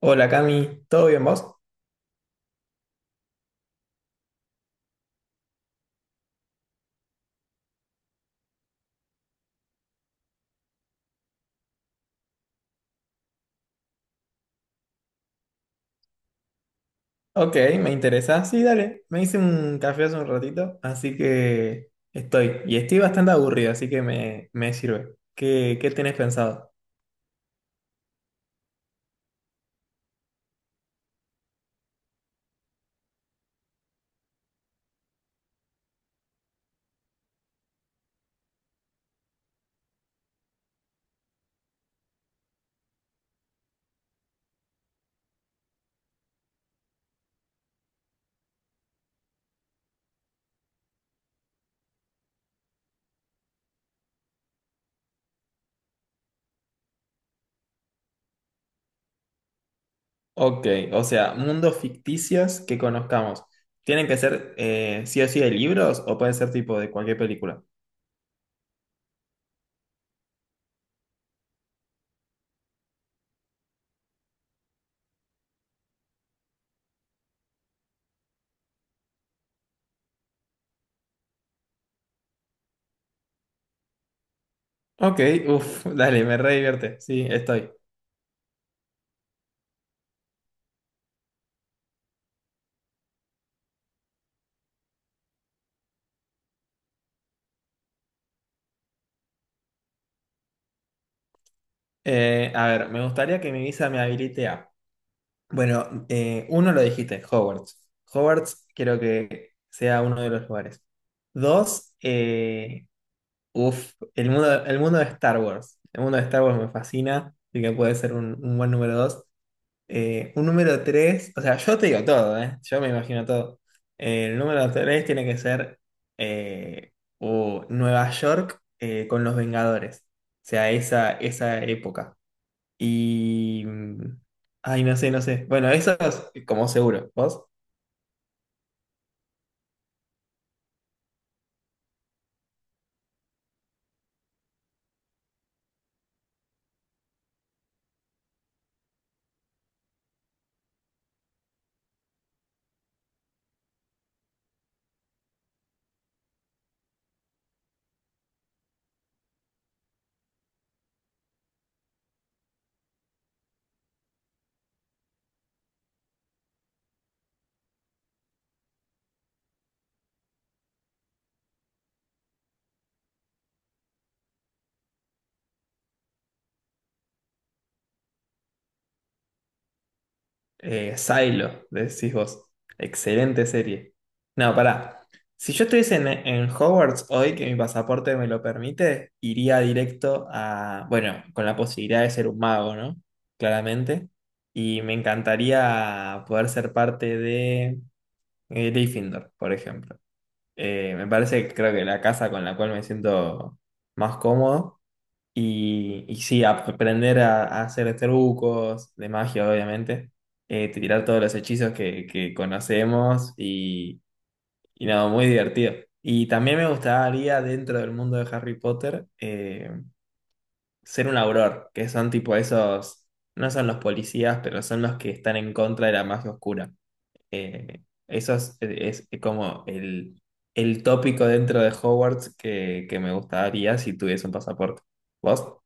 Hola Cami, ¿todo bien vos? Ok, me interesa. Sí, dale, me hice un café hace un ratito, así que estoy. Y estoy bastante aburrido, así que me sirve. ¿Qué tenés pensado? Ok, o sea, mundos ficticios que conozcamos. ¿Tienen que ser sí o sí de libros o puede ser tipo de cualquier película? Ok, uff, dale, me re divierte. Sí, estoy. A ver, me gustaría que mi visa me habilite a. Bueno, uno lo dijiste, Hogwarts. Hogwarts quiero que sea uno de los lugares. Dos, uf, el mundo de Star Wars. El mundo de Star Wars me fascina, así que puede ser un buen número dos. Un número tres, o sea, yo te digo todo, ¿eh? Yo me imagino todo. El número tres tiene que ser eh, o Nueva York con los Vengadores. O sea, esa época. Y mm, ay, no sé, no sé. Bueno, eso como seguro. ¿Vos? Silo, decís vos. Excelente serie. No, pará. Si yo estuviese en Hogwarts hoy, que mi pasaporte me lo permite, iría directo a, bueno, con la posibilidad de ser un mago, ¿no? Claramente. Y me encantaría poder ser parte de Gryffindor, por ejemplo. Me parece que creo que la casa con la cual me siento más cómodo. Y sí, aprender a hacer trucos de magia, obviamente. Tirar todos los hechizos que conocemos y nada, muy divertido. Y también me gustaría, dentro del mundo de Harry Potter, ser un auror, que son tipo esos, no son los policías, pero son los que están en contra de la magia oscura. Eso es como el tópico dentro de Hogwarts que me gustaría si tuviese un pasaporte. ¿Vos?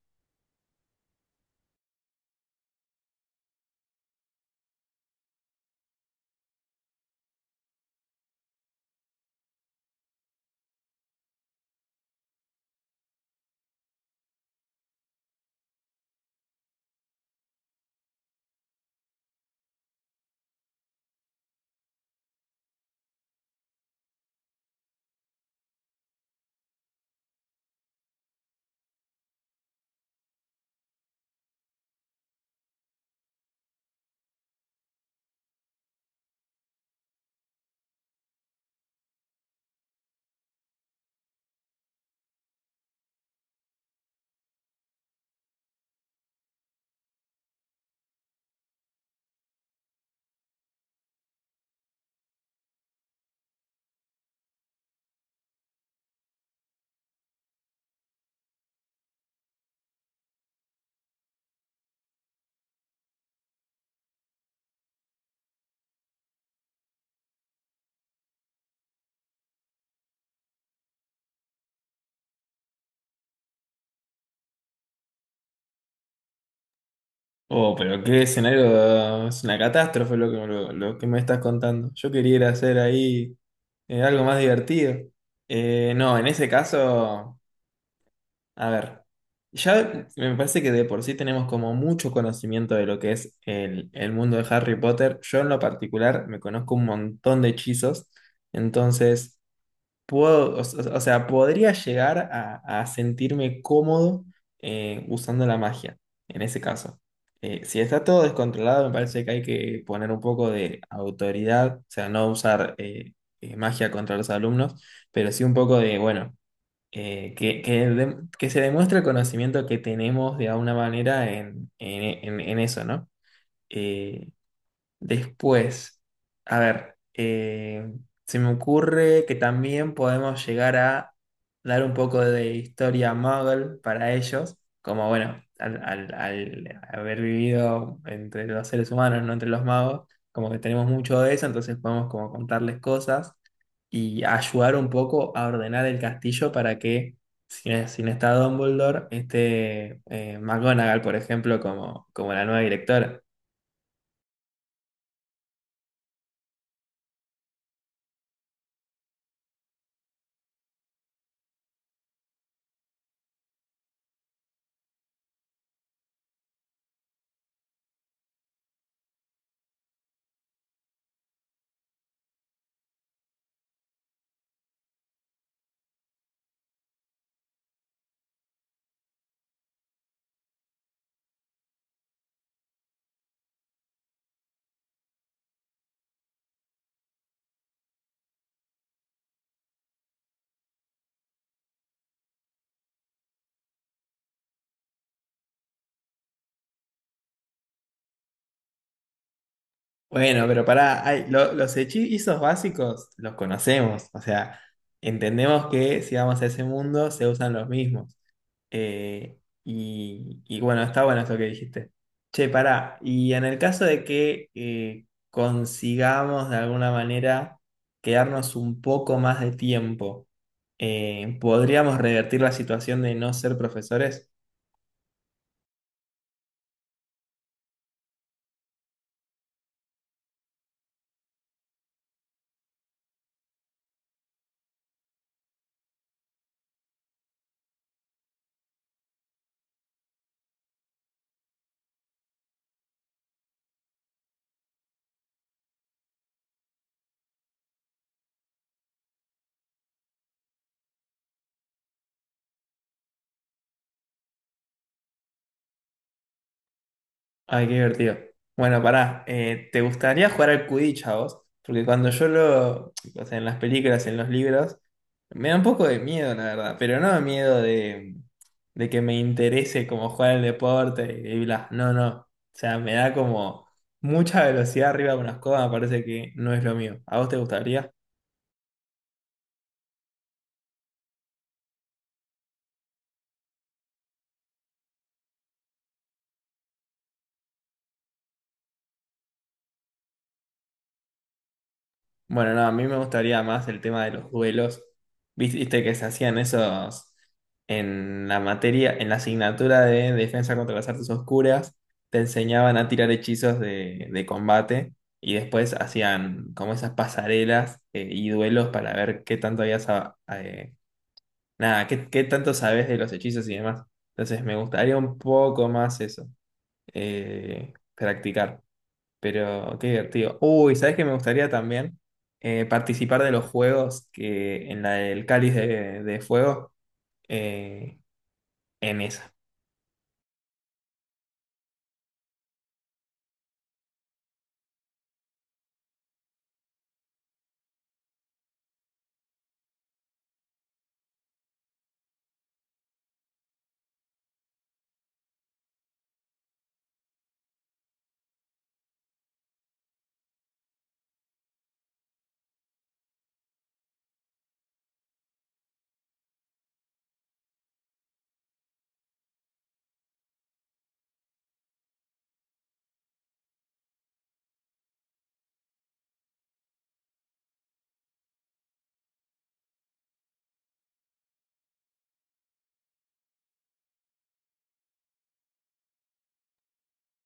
Oh, pero qué escenario, es una catástrofe lo que me estás contando. Yo quería ir a hacer ahí algo más divertido. No, en ese caso, a ver, ya me parece que de por sí tenemos como mucho conocimiento de lo que es el mundo de Harry Potter. Yo en lo particular me conozco un montón de hechizos, entonces puedo, o sea, podría llegar a sentirme cómodo usando la magia, en ese caso. Si está todo descontrolado, me parece que hay que poner un poco de autoridad, o sea, no usar magia contra los alumnos, pero sí un poco de, bueno, que, de- que se demuestre el conocimiento que tenemos de alguna manera en eso, ¿no? Eh, después, a ver, se me ocurre que también podemos llegar a dar un poco de historia muggle para ellos, como bueno, al, al- al haber vivido entre los seres humanos, no entre los magos, como que tenemos mucho de eso, entonces podemos como contarles cosas y ayudar un poco a ordenar el castillo para que, si no, si no está Dumbledore, esté McGonagall, por ejemplo, como, como la nueva directora. Bueno, pero pará, ay, lo- los hechizos básicos los conocemos, o sea, entendemos que si vamos a ese mundo se usan los mismos. Eh, y bueno, está bueno eso que dijiste. Che, pará, y en el caso de que consigamos de alguna manera quedarnos un poco más de tiempo, ¿podríamos revertir la situación de no ser profesores? Ay, qué divertido. Bueno, pará, ¿te gustaría jugar al Quidditch a vos? Porque cuando yo lo, o sea, en las películas, en los libros, me da un poco de miedo, la verdad, pero no miedo de que me interese como jugar al deporte y bla, no, no. O sea, me da como mucha velocidad arriba de una escoba, me parece que no es lo mío. ¿A vos te gustaría? Bueno, no, a mí me gustaría más el tema de los duelos. Viste que se hacían esos en la materia, en la asignatura de defensa contra las artes oscuras, te enseñaban a tirar hechizos de combate y después hacían como esas pasarelas y duelos para ver qué tanto habías, a- nada, qué tanto sabes de los hechizos y demás. Entonces me gustaría un poco más eso, practicar. Pero qué divertido. Uy, ¿sabes qué me gustaría también? Participar de los juegos que en la del Cáliz de Fuego, eh, en esa.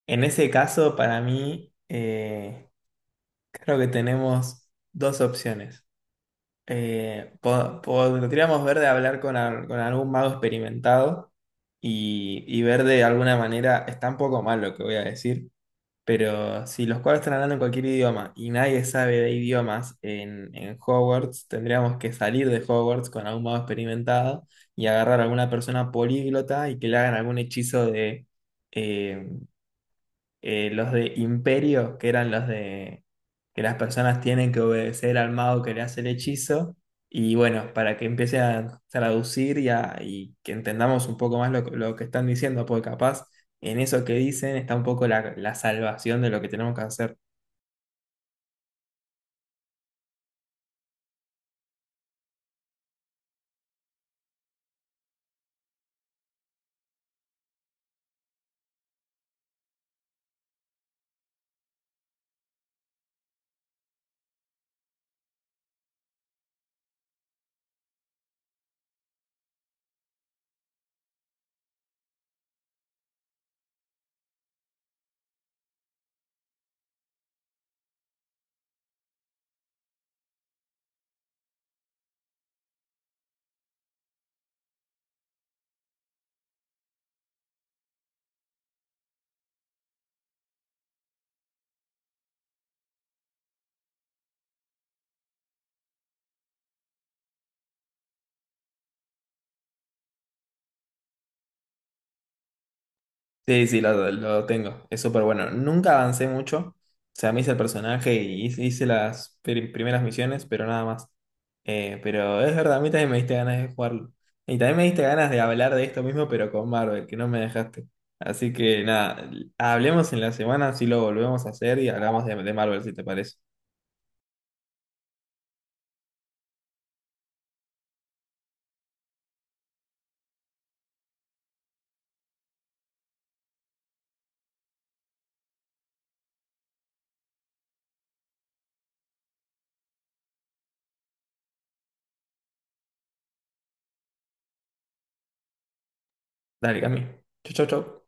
En ese caso, para mí, creo que tenemos dos opciones. Po- podríamos ver de hablar con, al- con algún mago experimentado y ver de alguna manera, está un poco mal lo que voy a decir, pero si los cuatro están hablando en cualquier idioma y nadie sabe de idiomas en Hogwarts, tendríamos que salir de Hogwarts con algún mago experimentado y agarrar a alguna persona políglota y que le hagan algún hechizo de, eh, los de Imperio, que eran los de que las personas tienen que obedecer al mago que le hace el hechizo, y bueno, para que empiece a traducir y, a- y que entendamos un poco más lo que están diciendo, porque capaz en eso que dicen está un poco la, la salvación de lo que tenemos que hacer. Sí, sí, lo tengo. Es súper bueno. Nunca avancé mucho. O sea, me hice el personaje y hice las pri- primeras misiones, pero nada más. Pero es verdad, a mí también me diste ganas de jugarlo. Y también me diste ganas de hablar de esto mismo, pero con Marvel, que no me dejaste. Así que nada, hablemos en la semana, si lo volvemos a hacer y hablamos de Marvel, si te parece. Dale, Cami. Chau, chau, chau.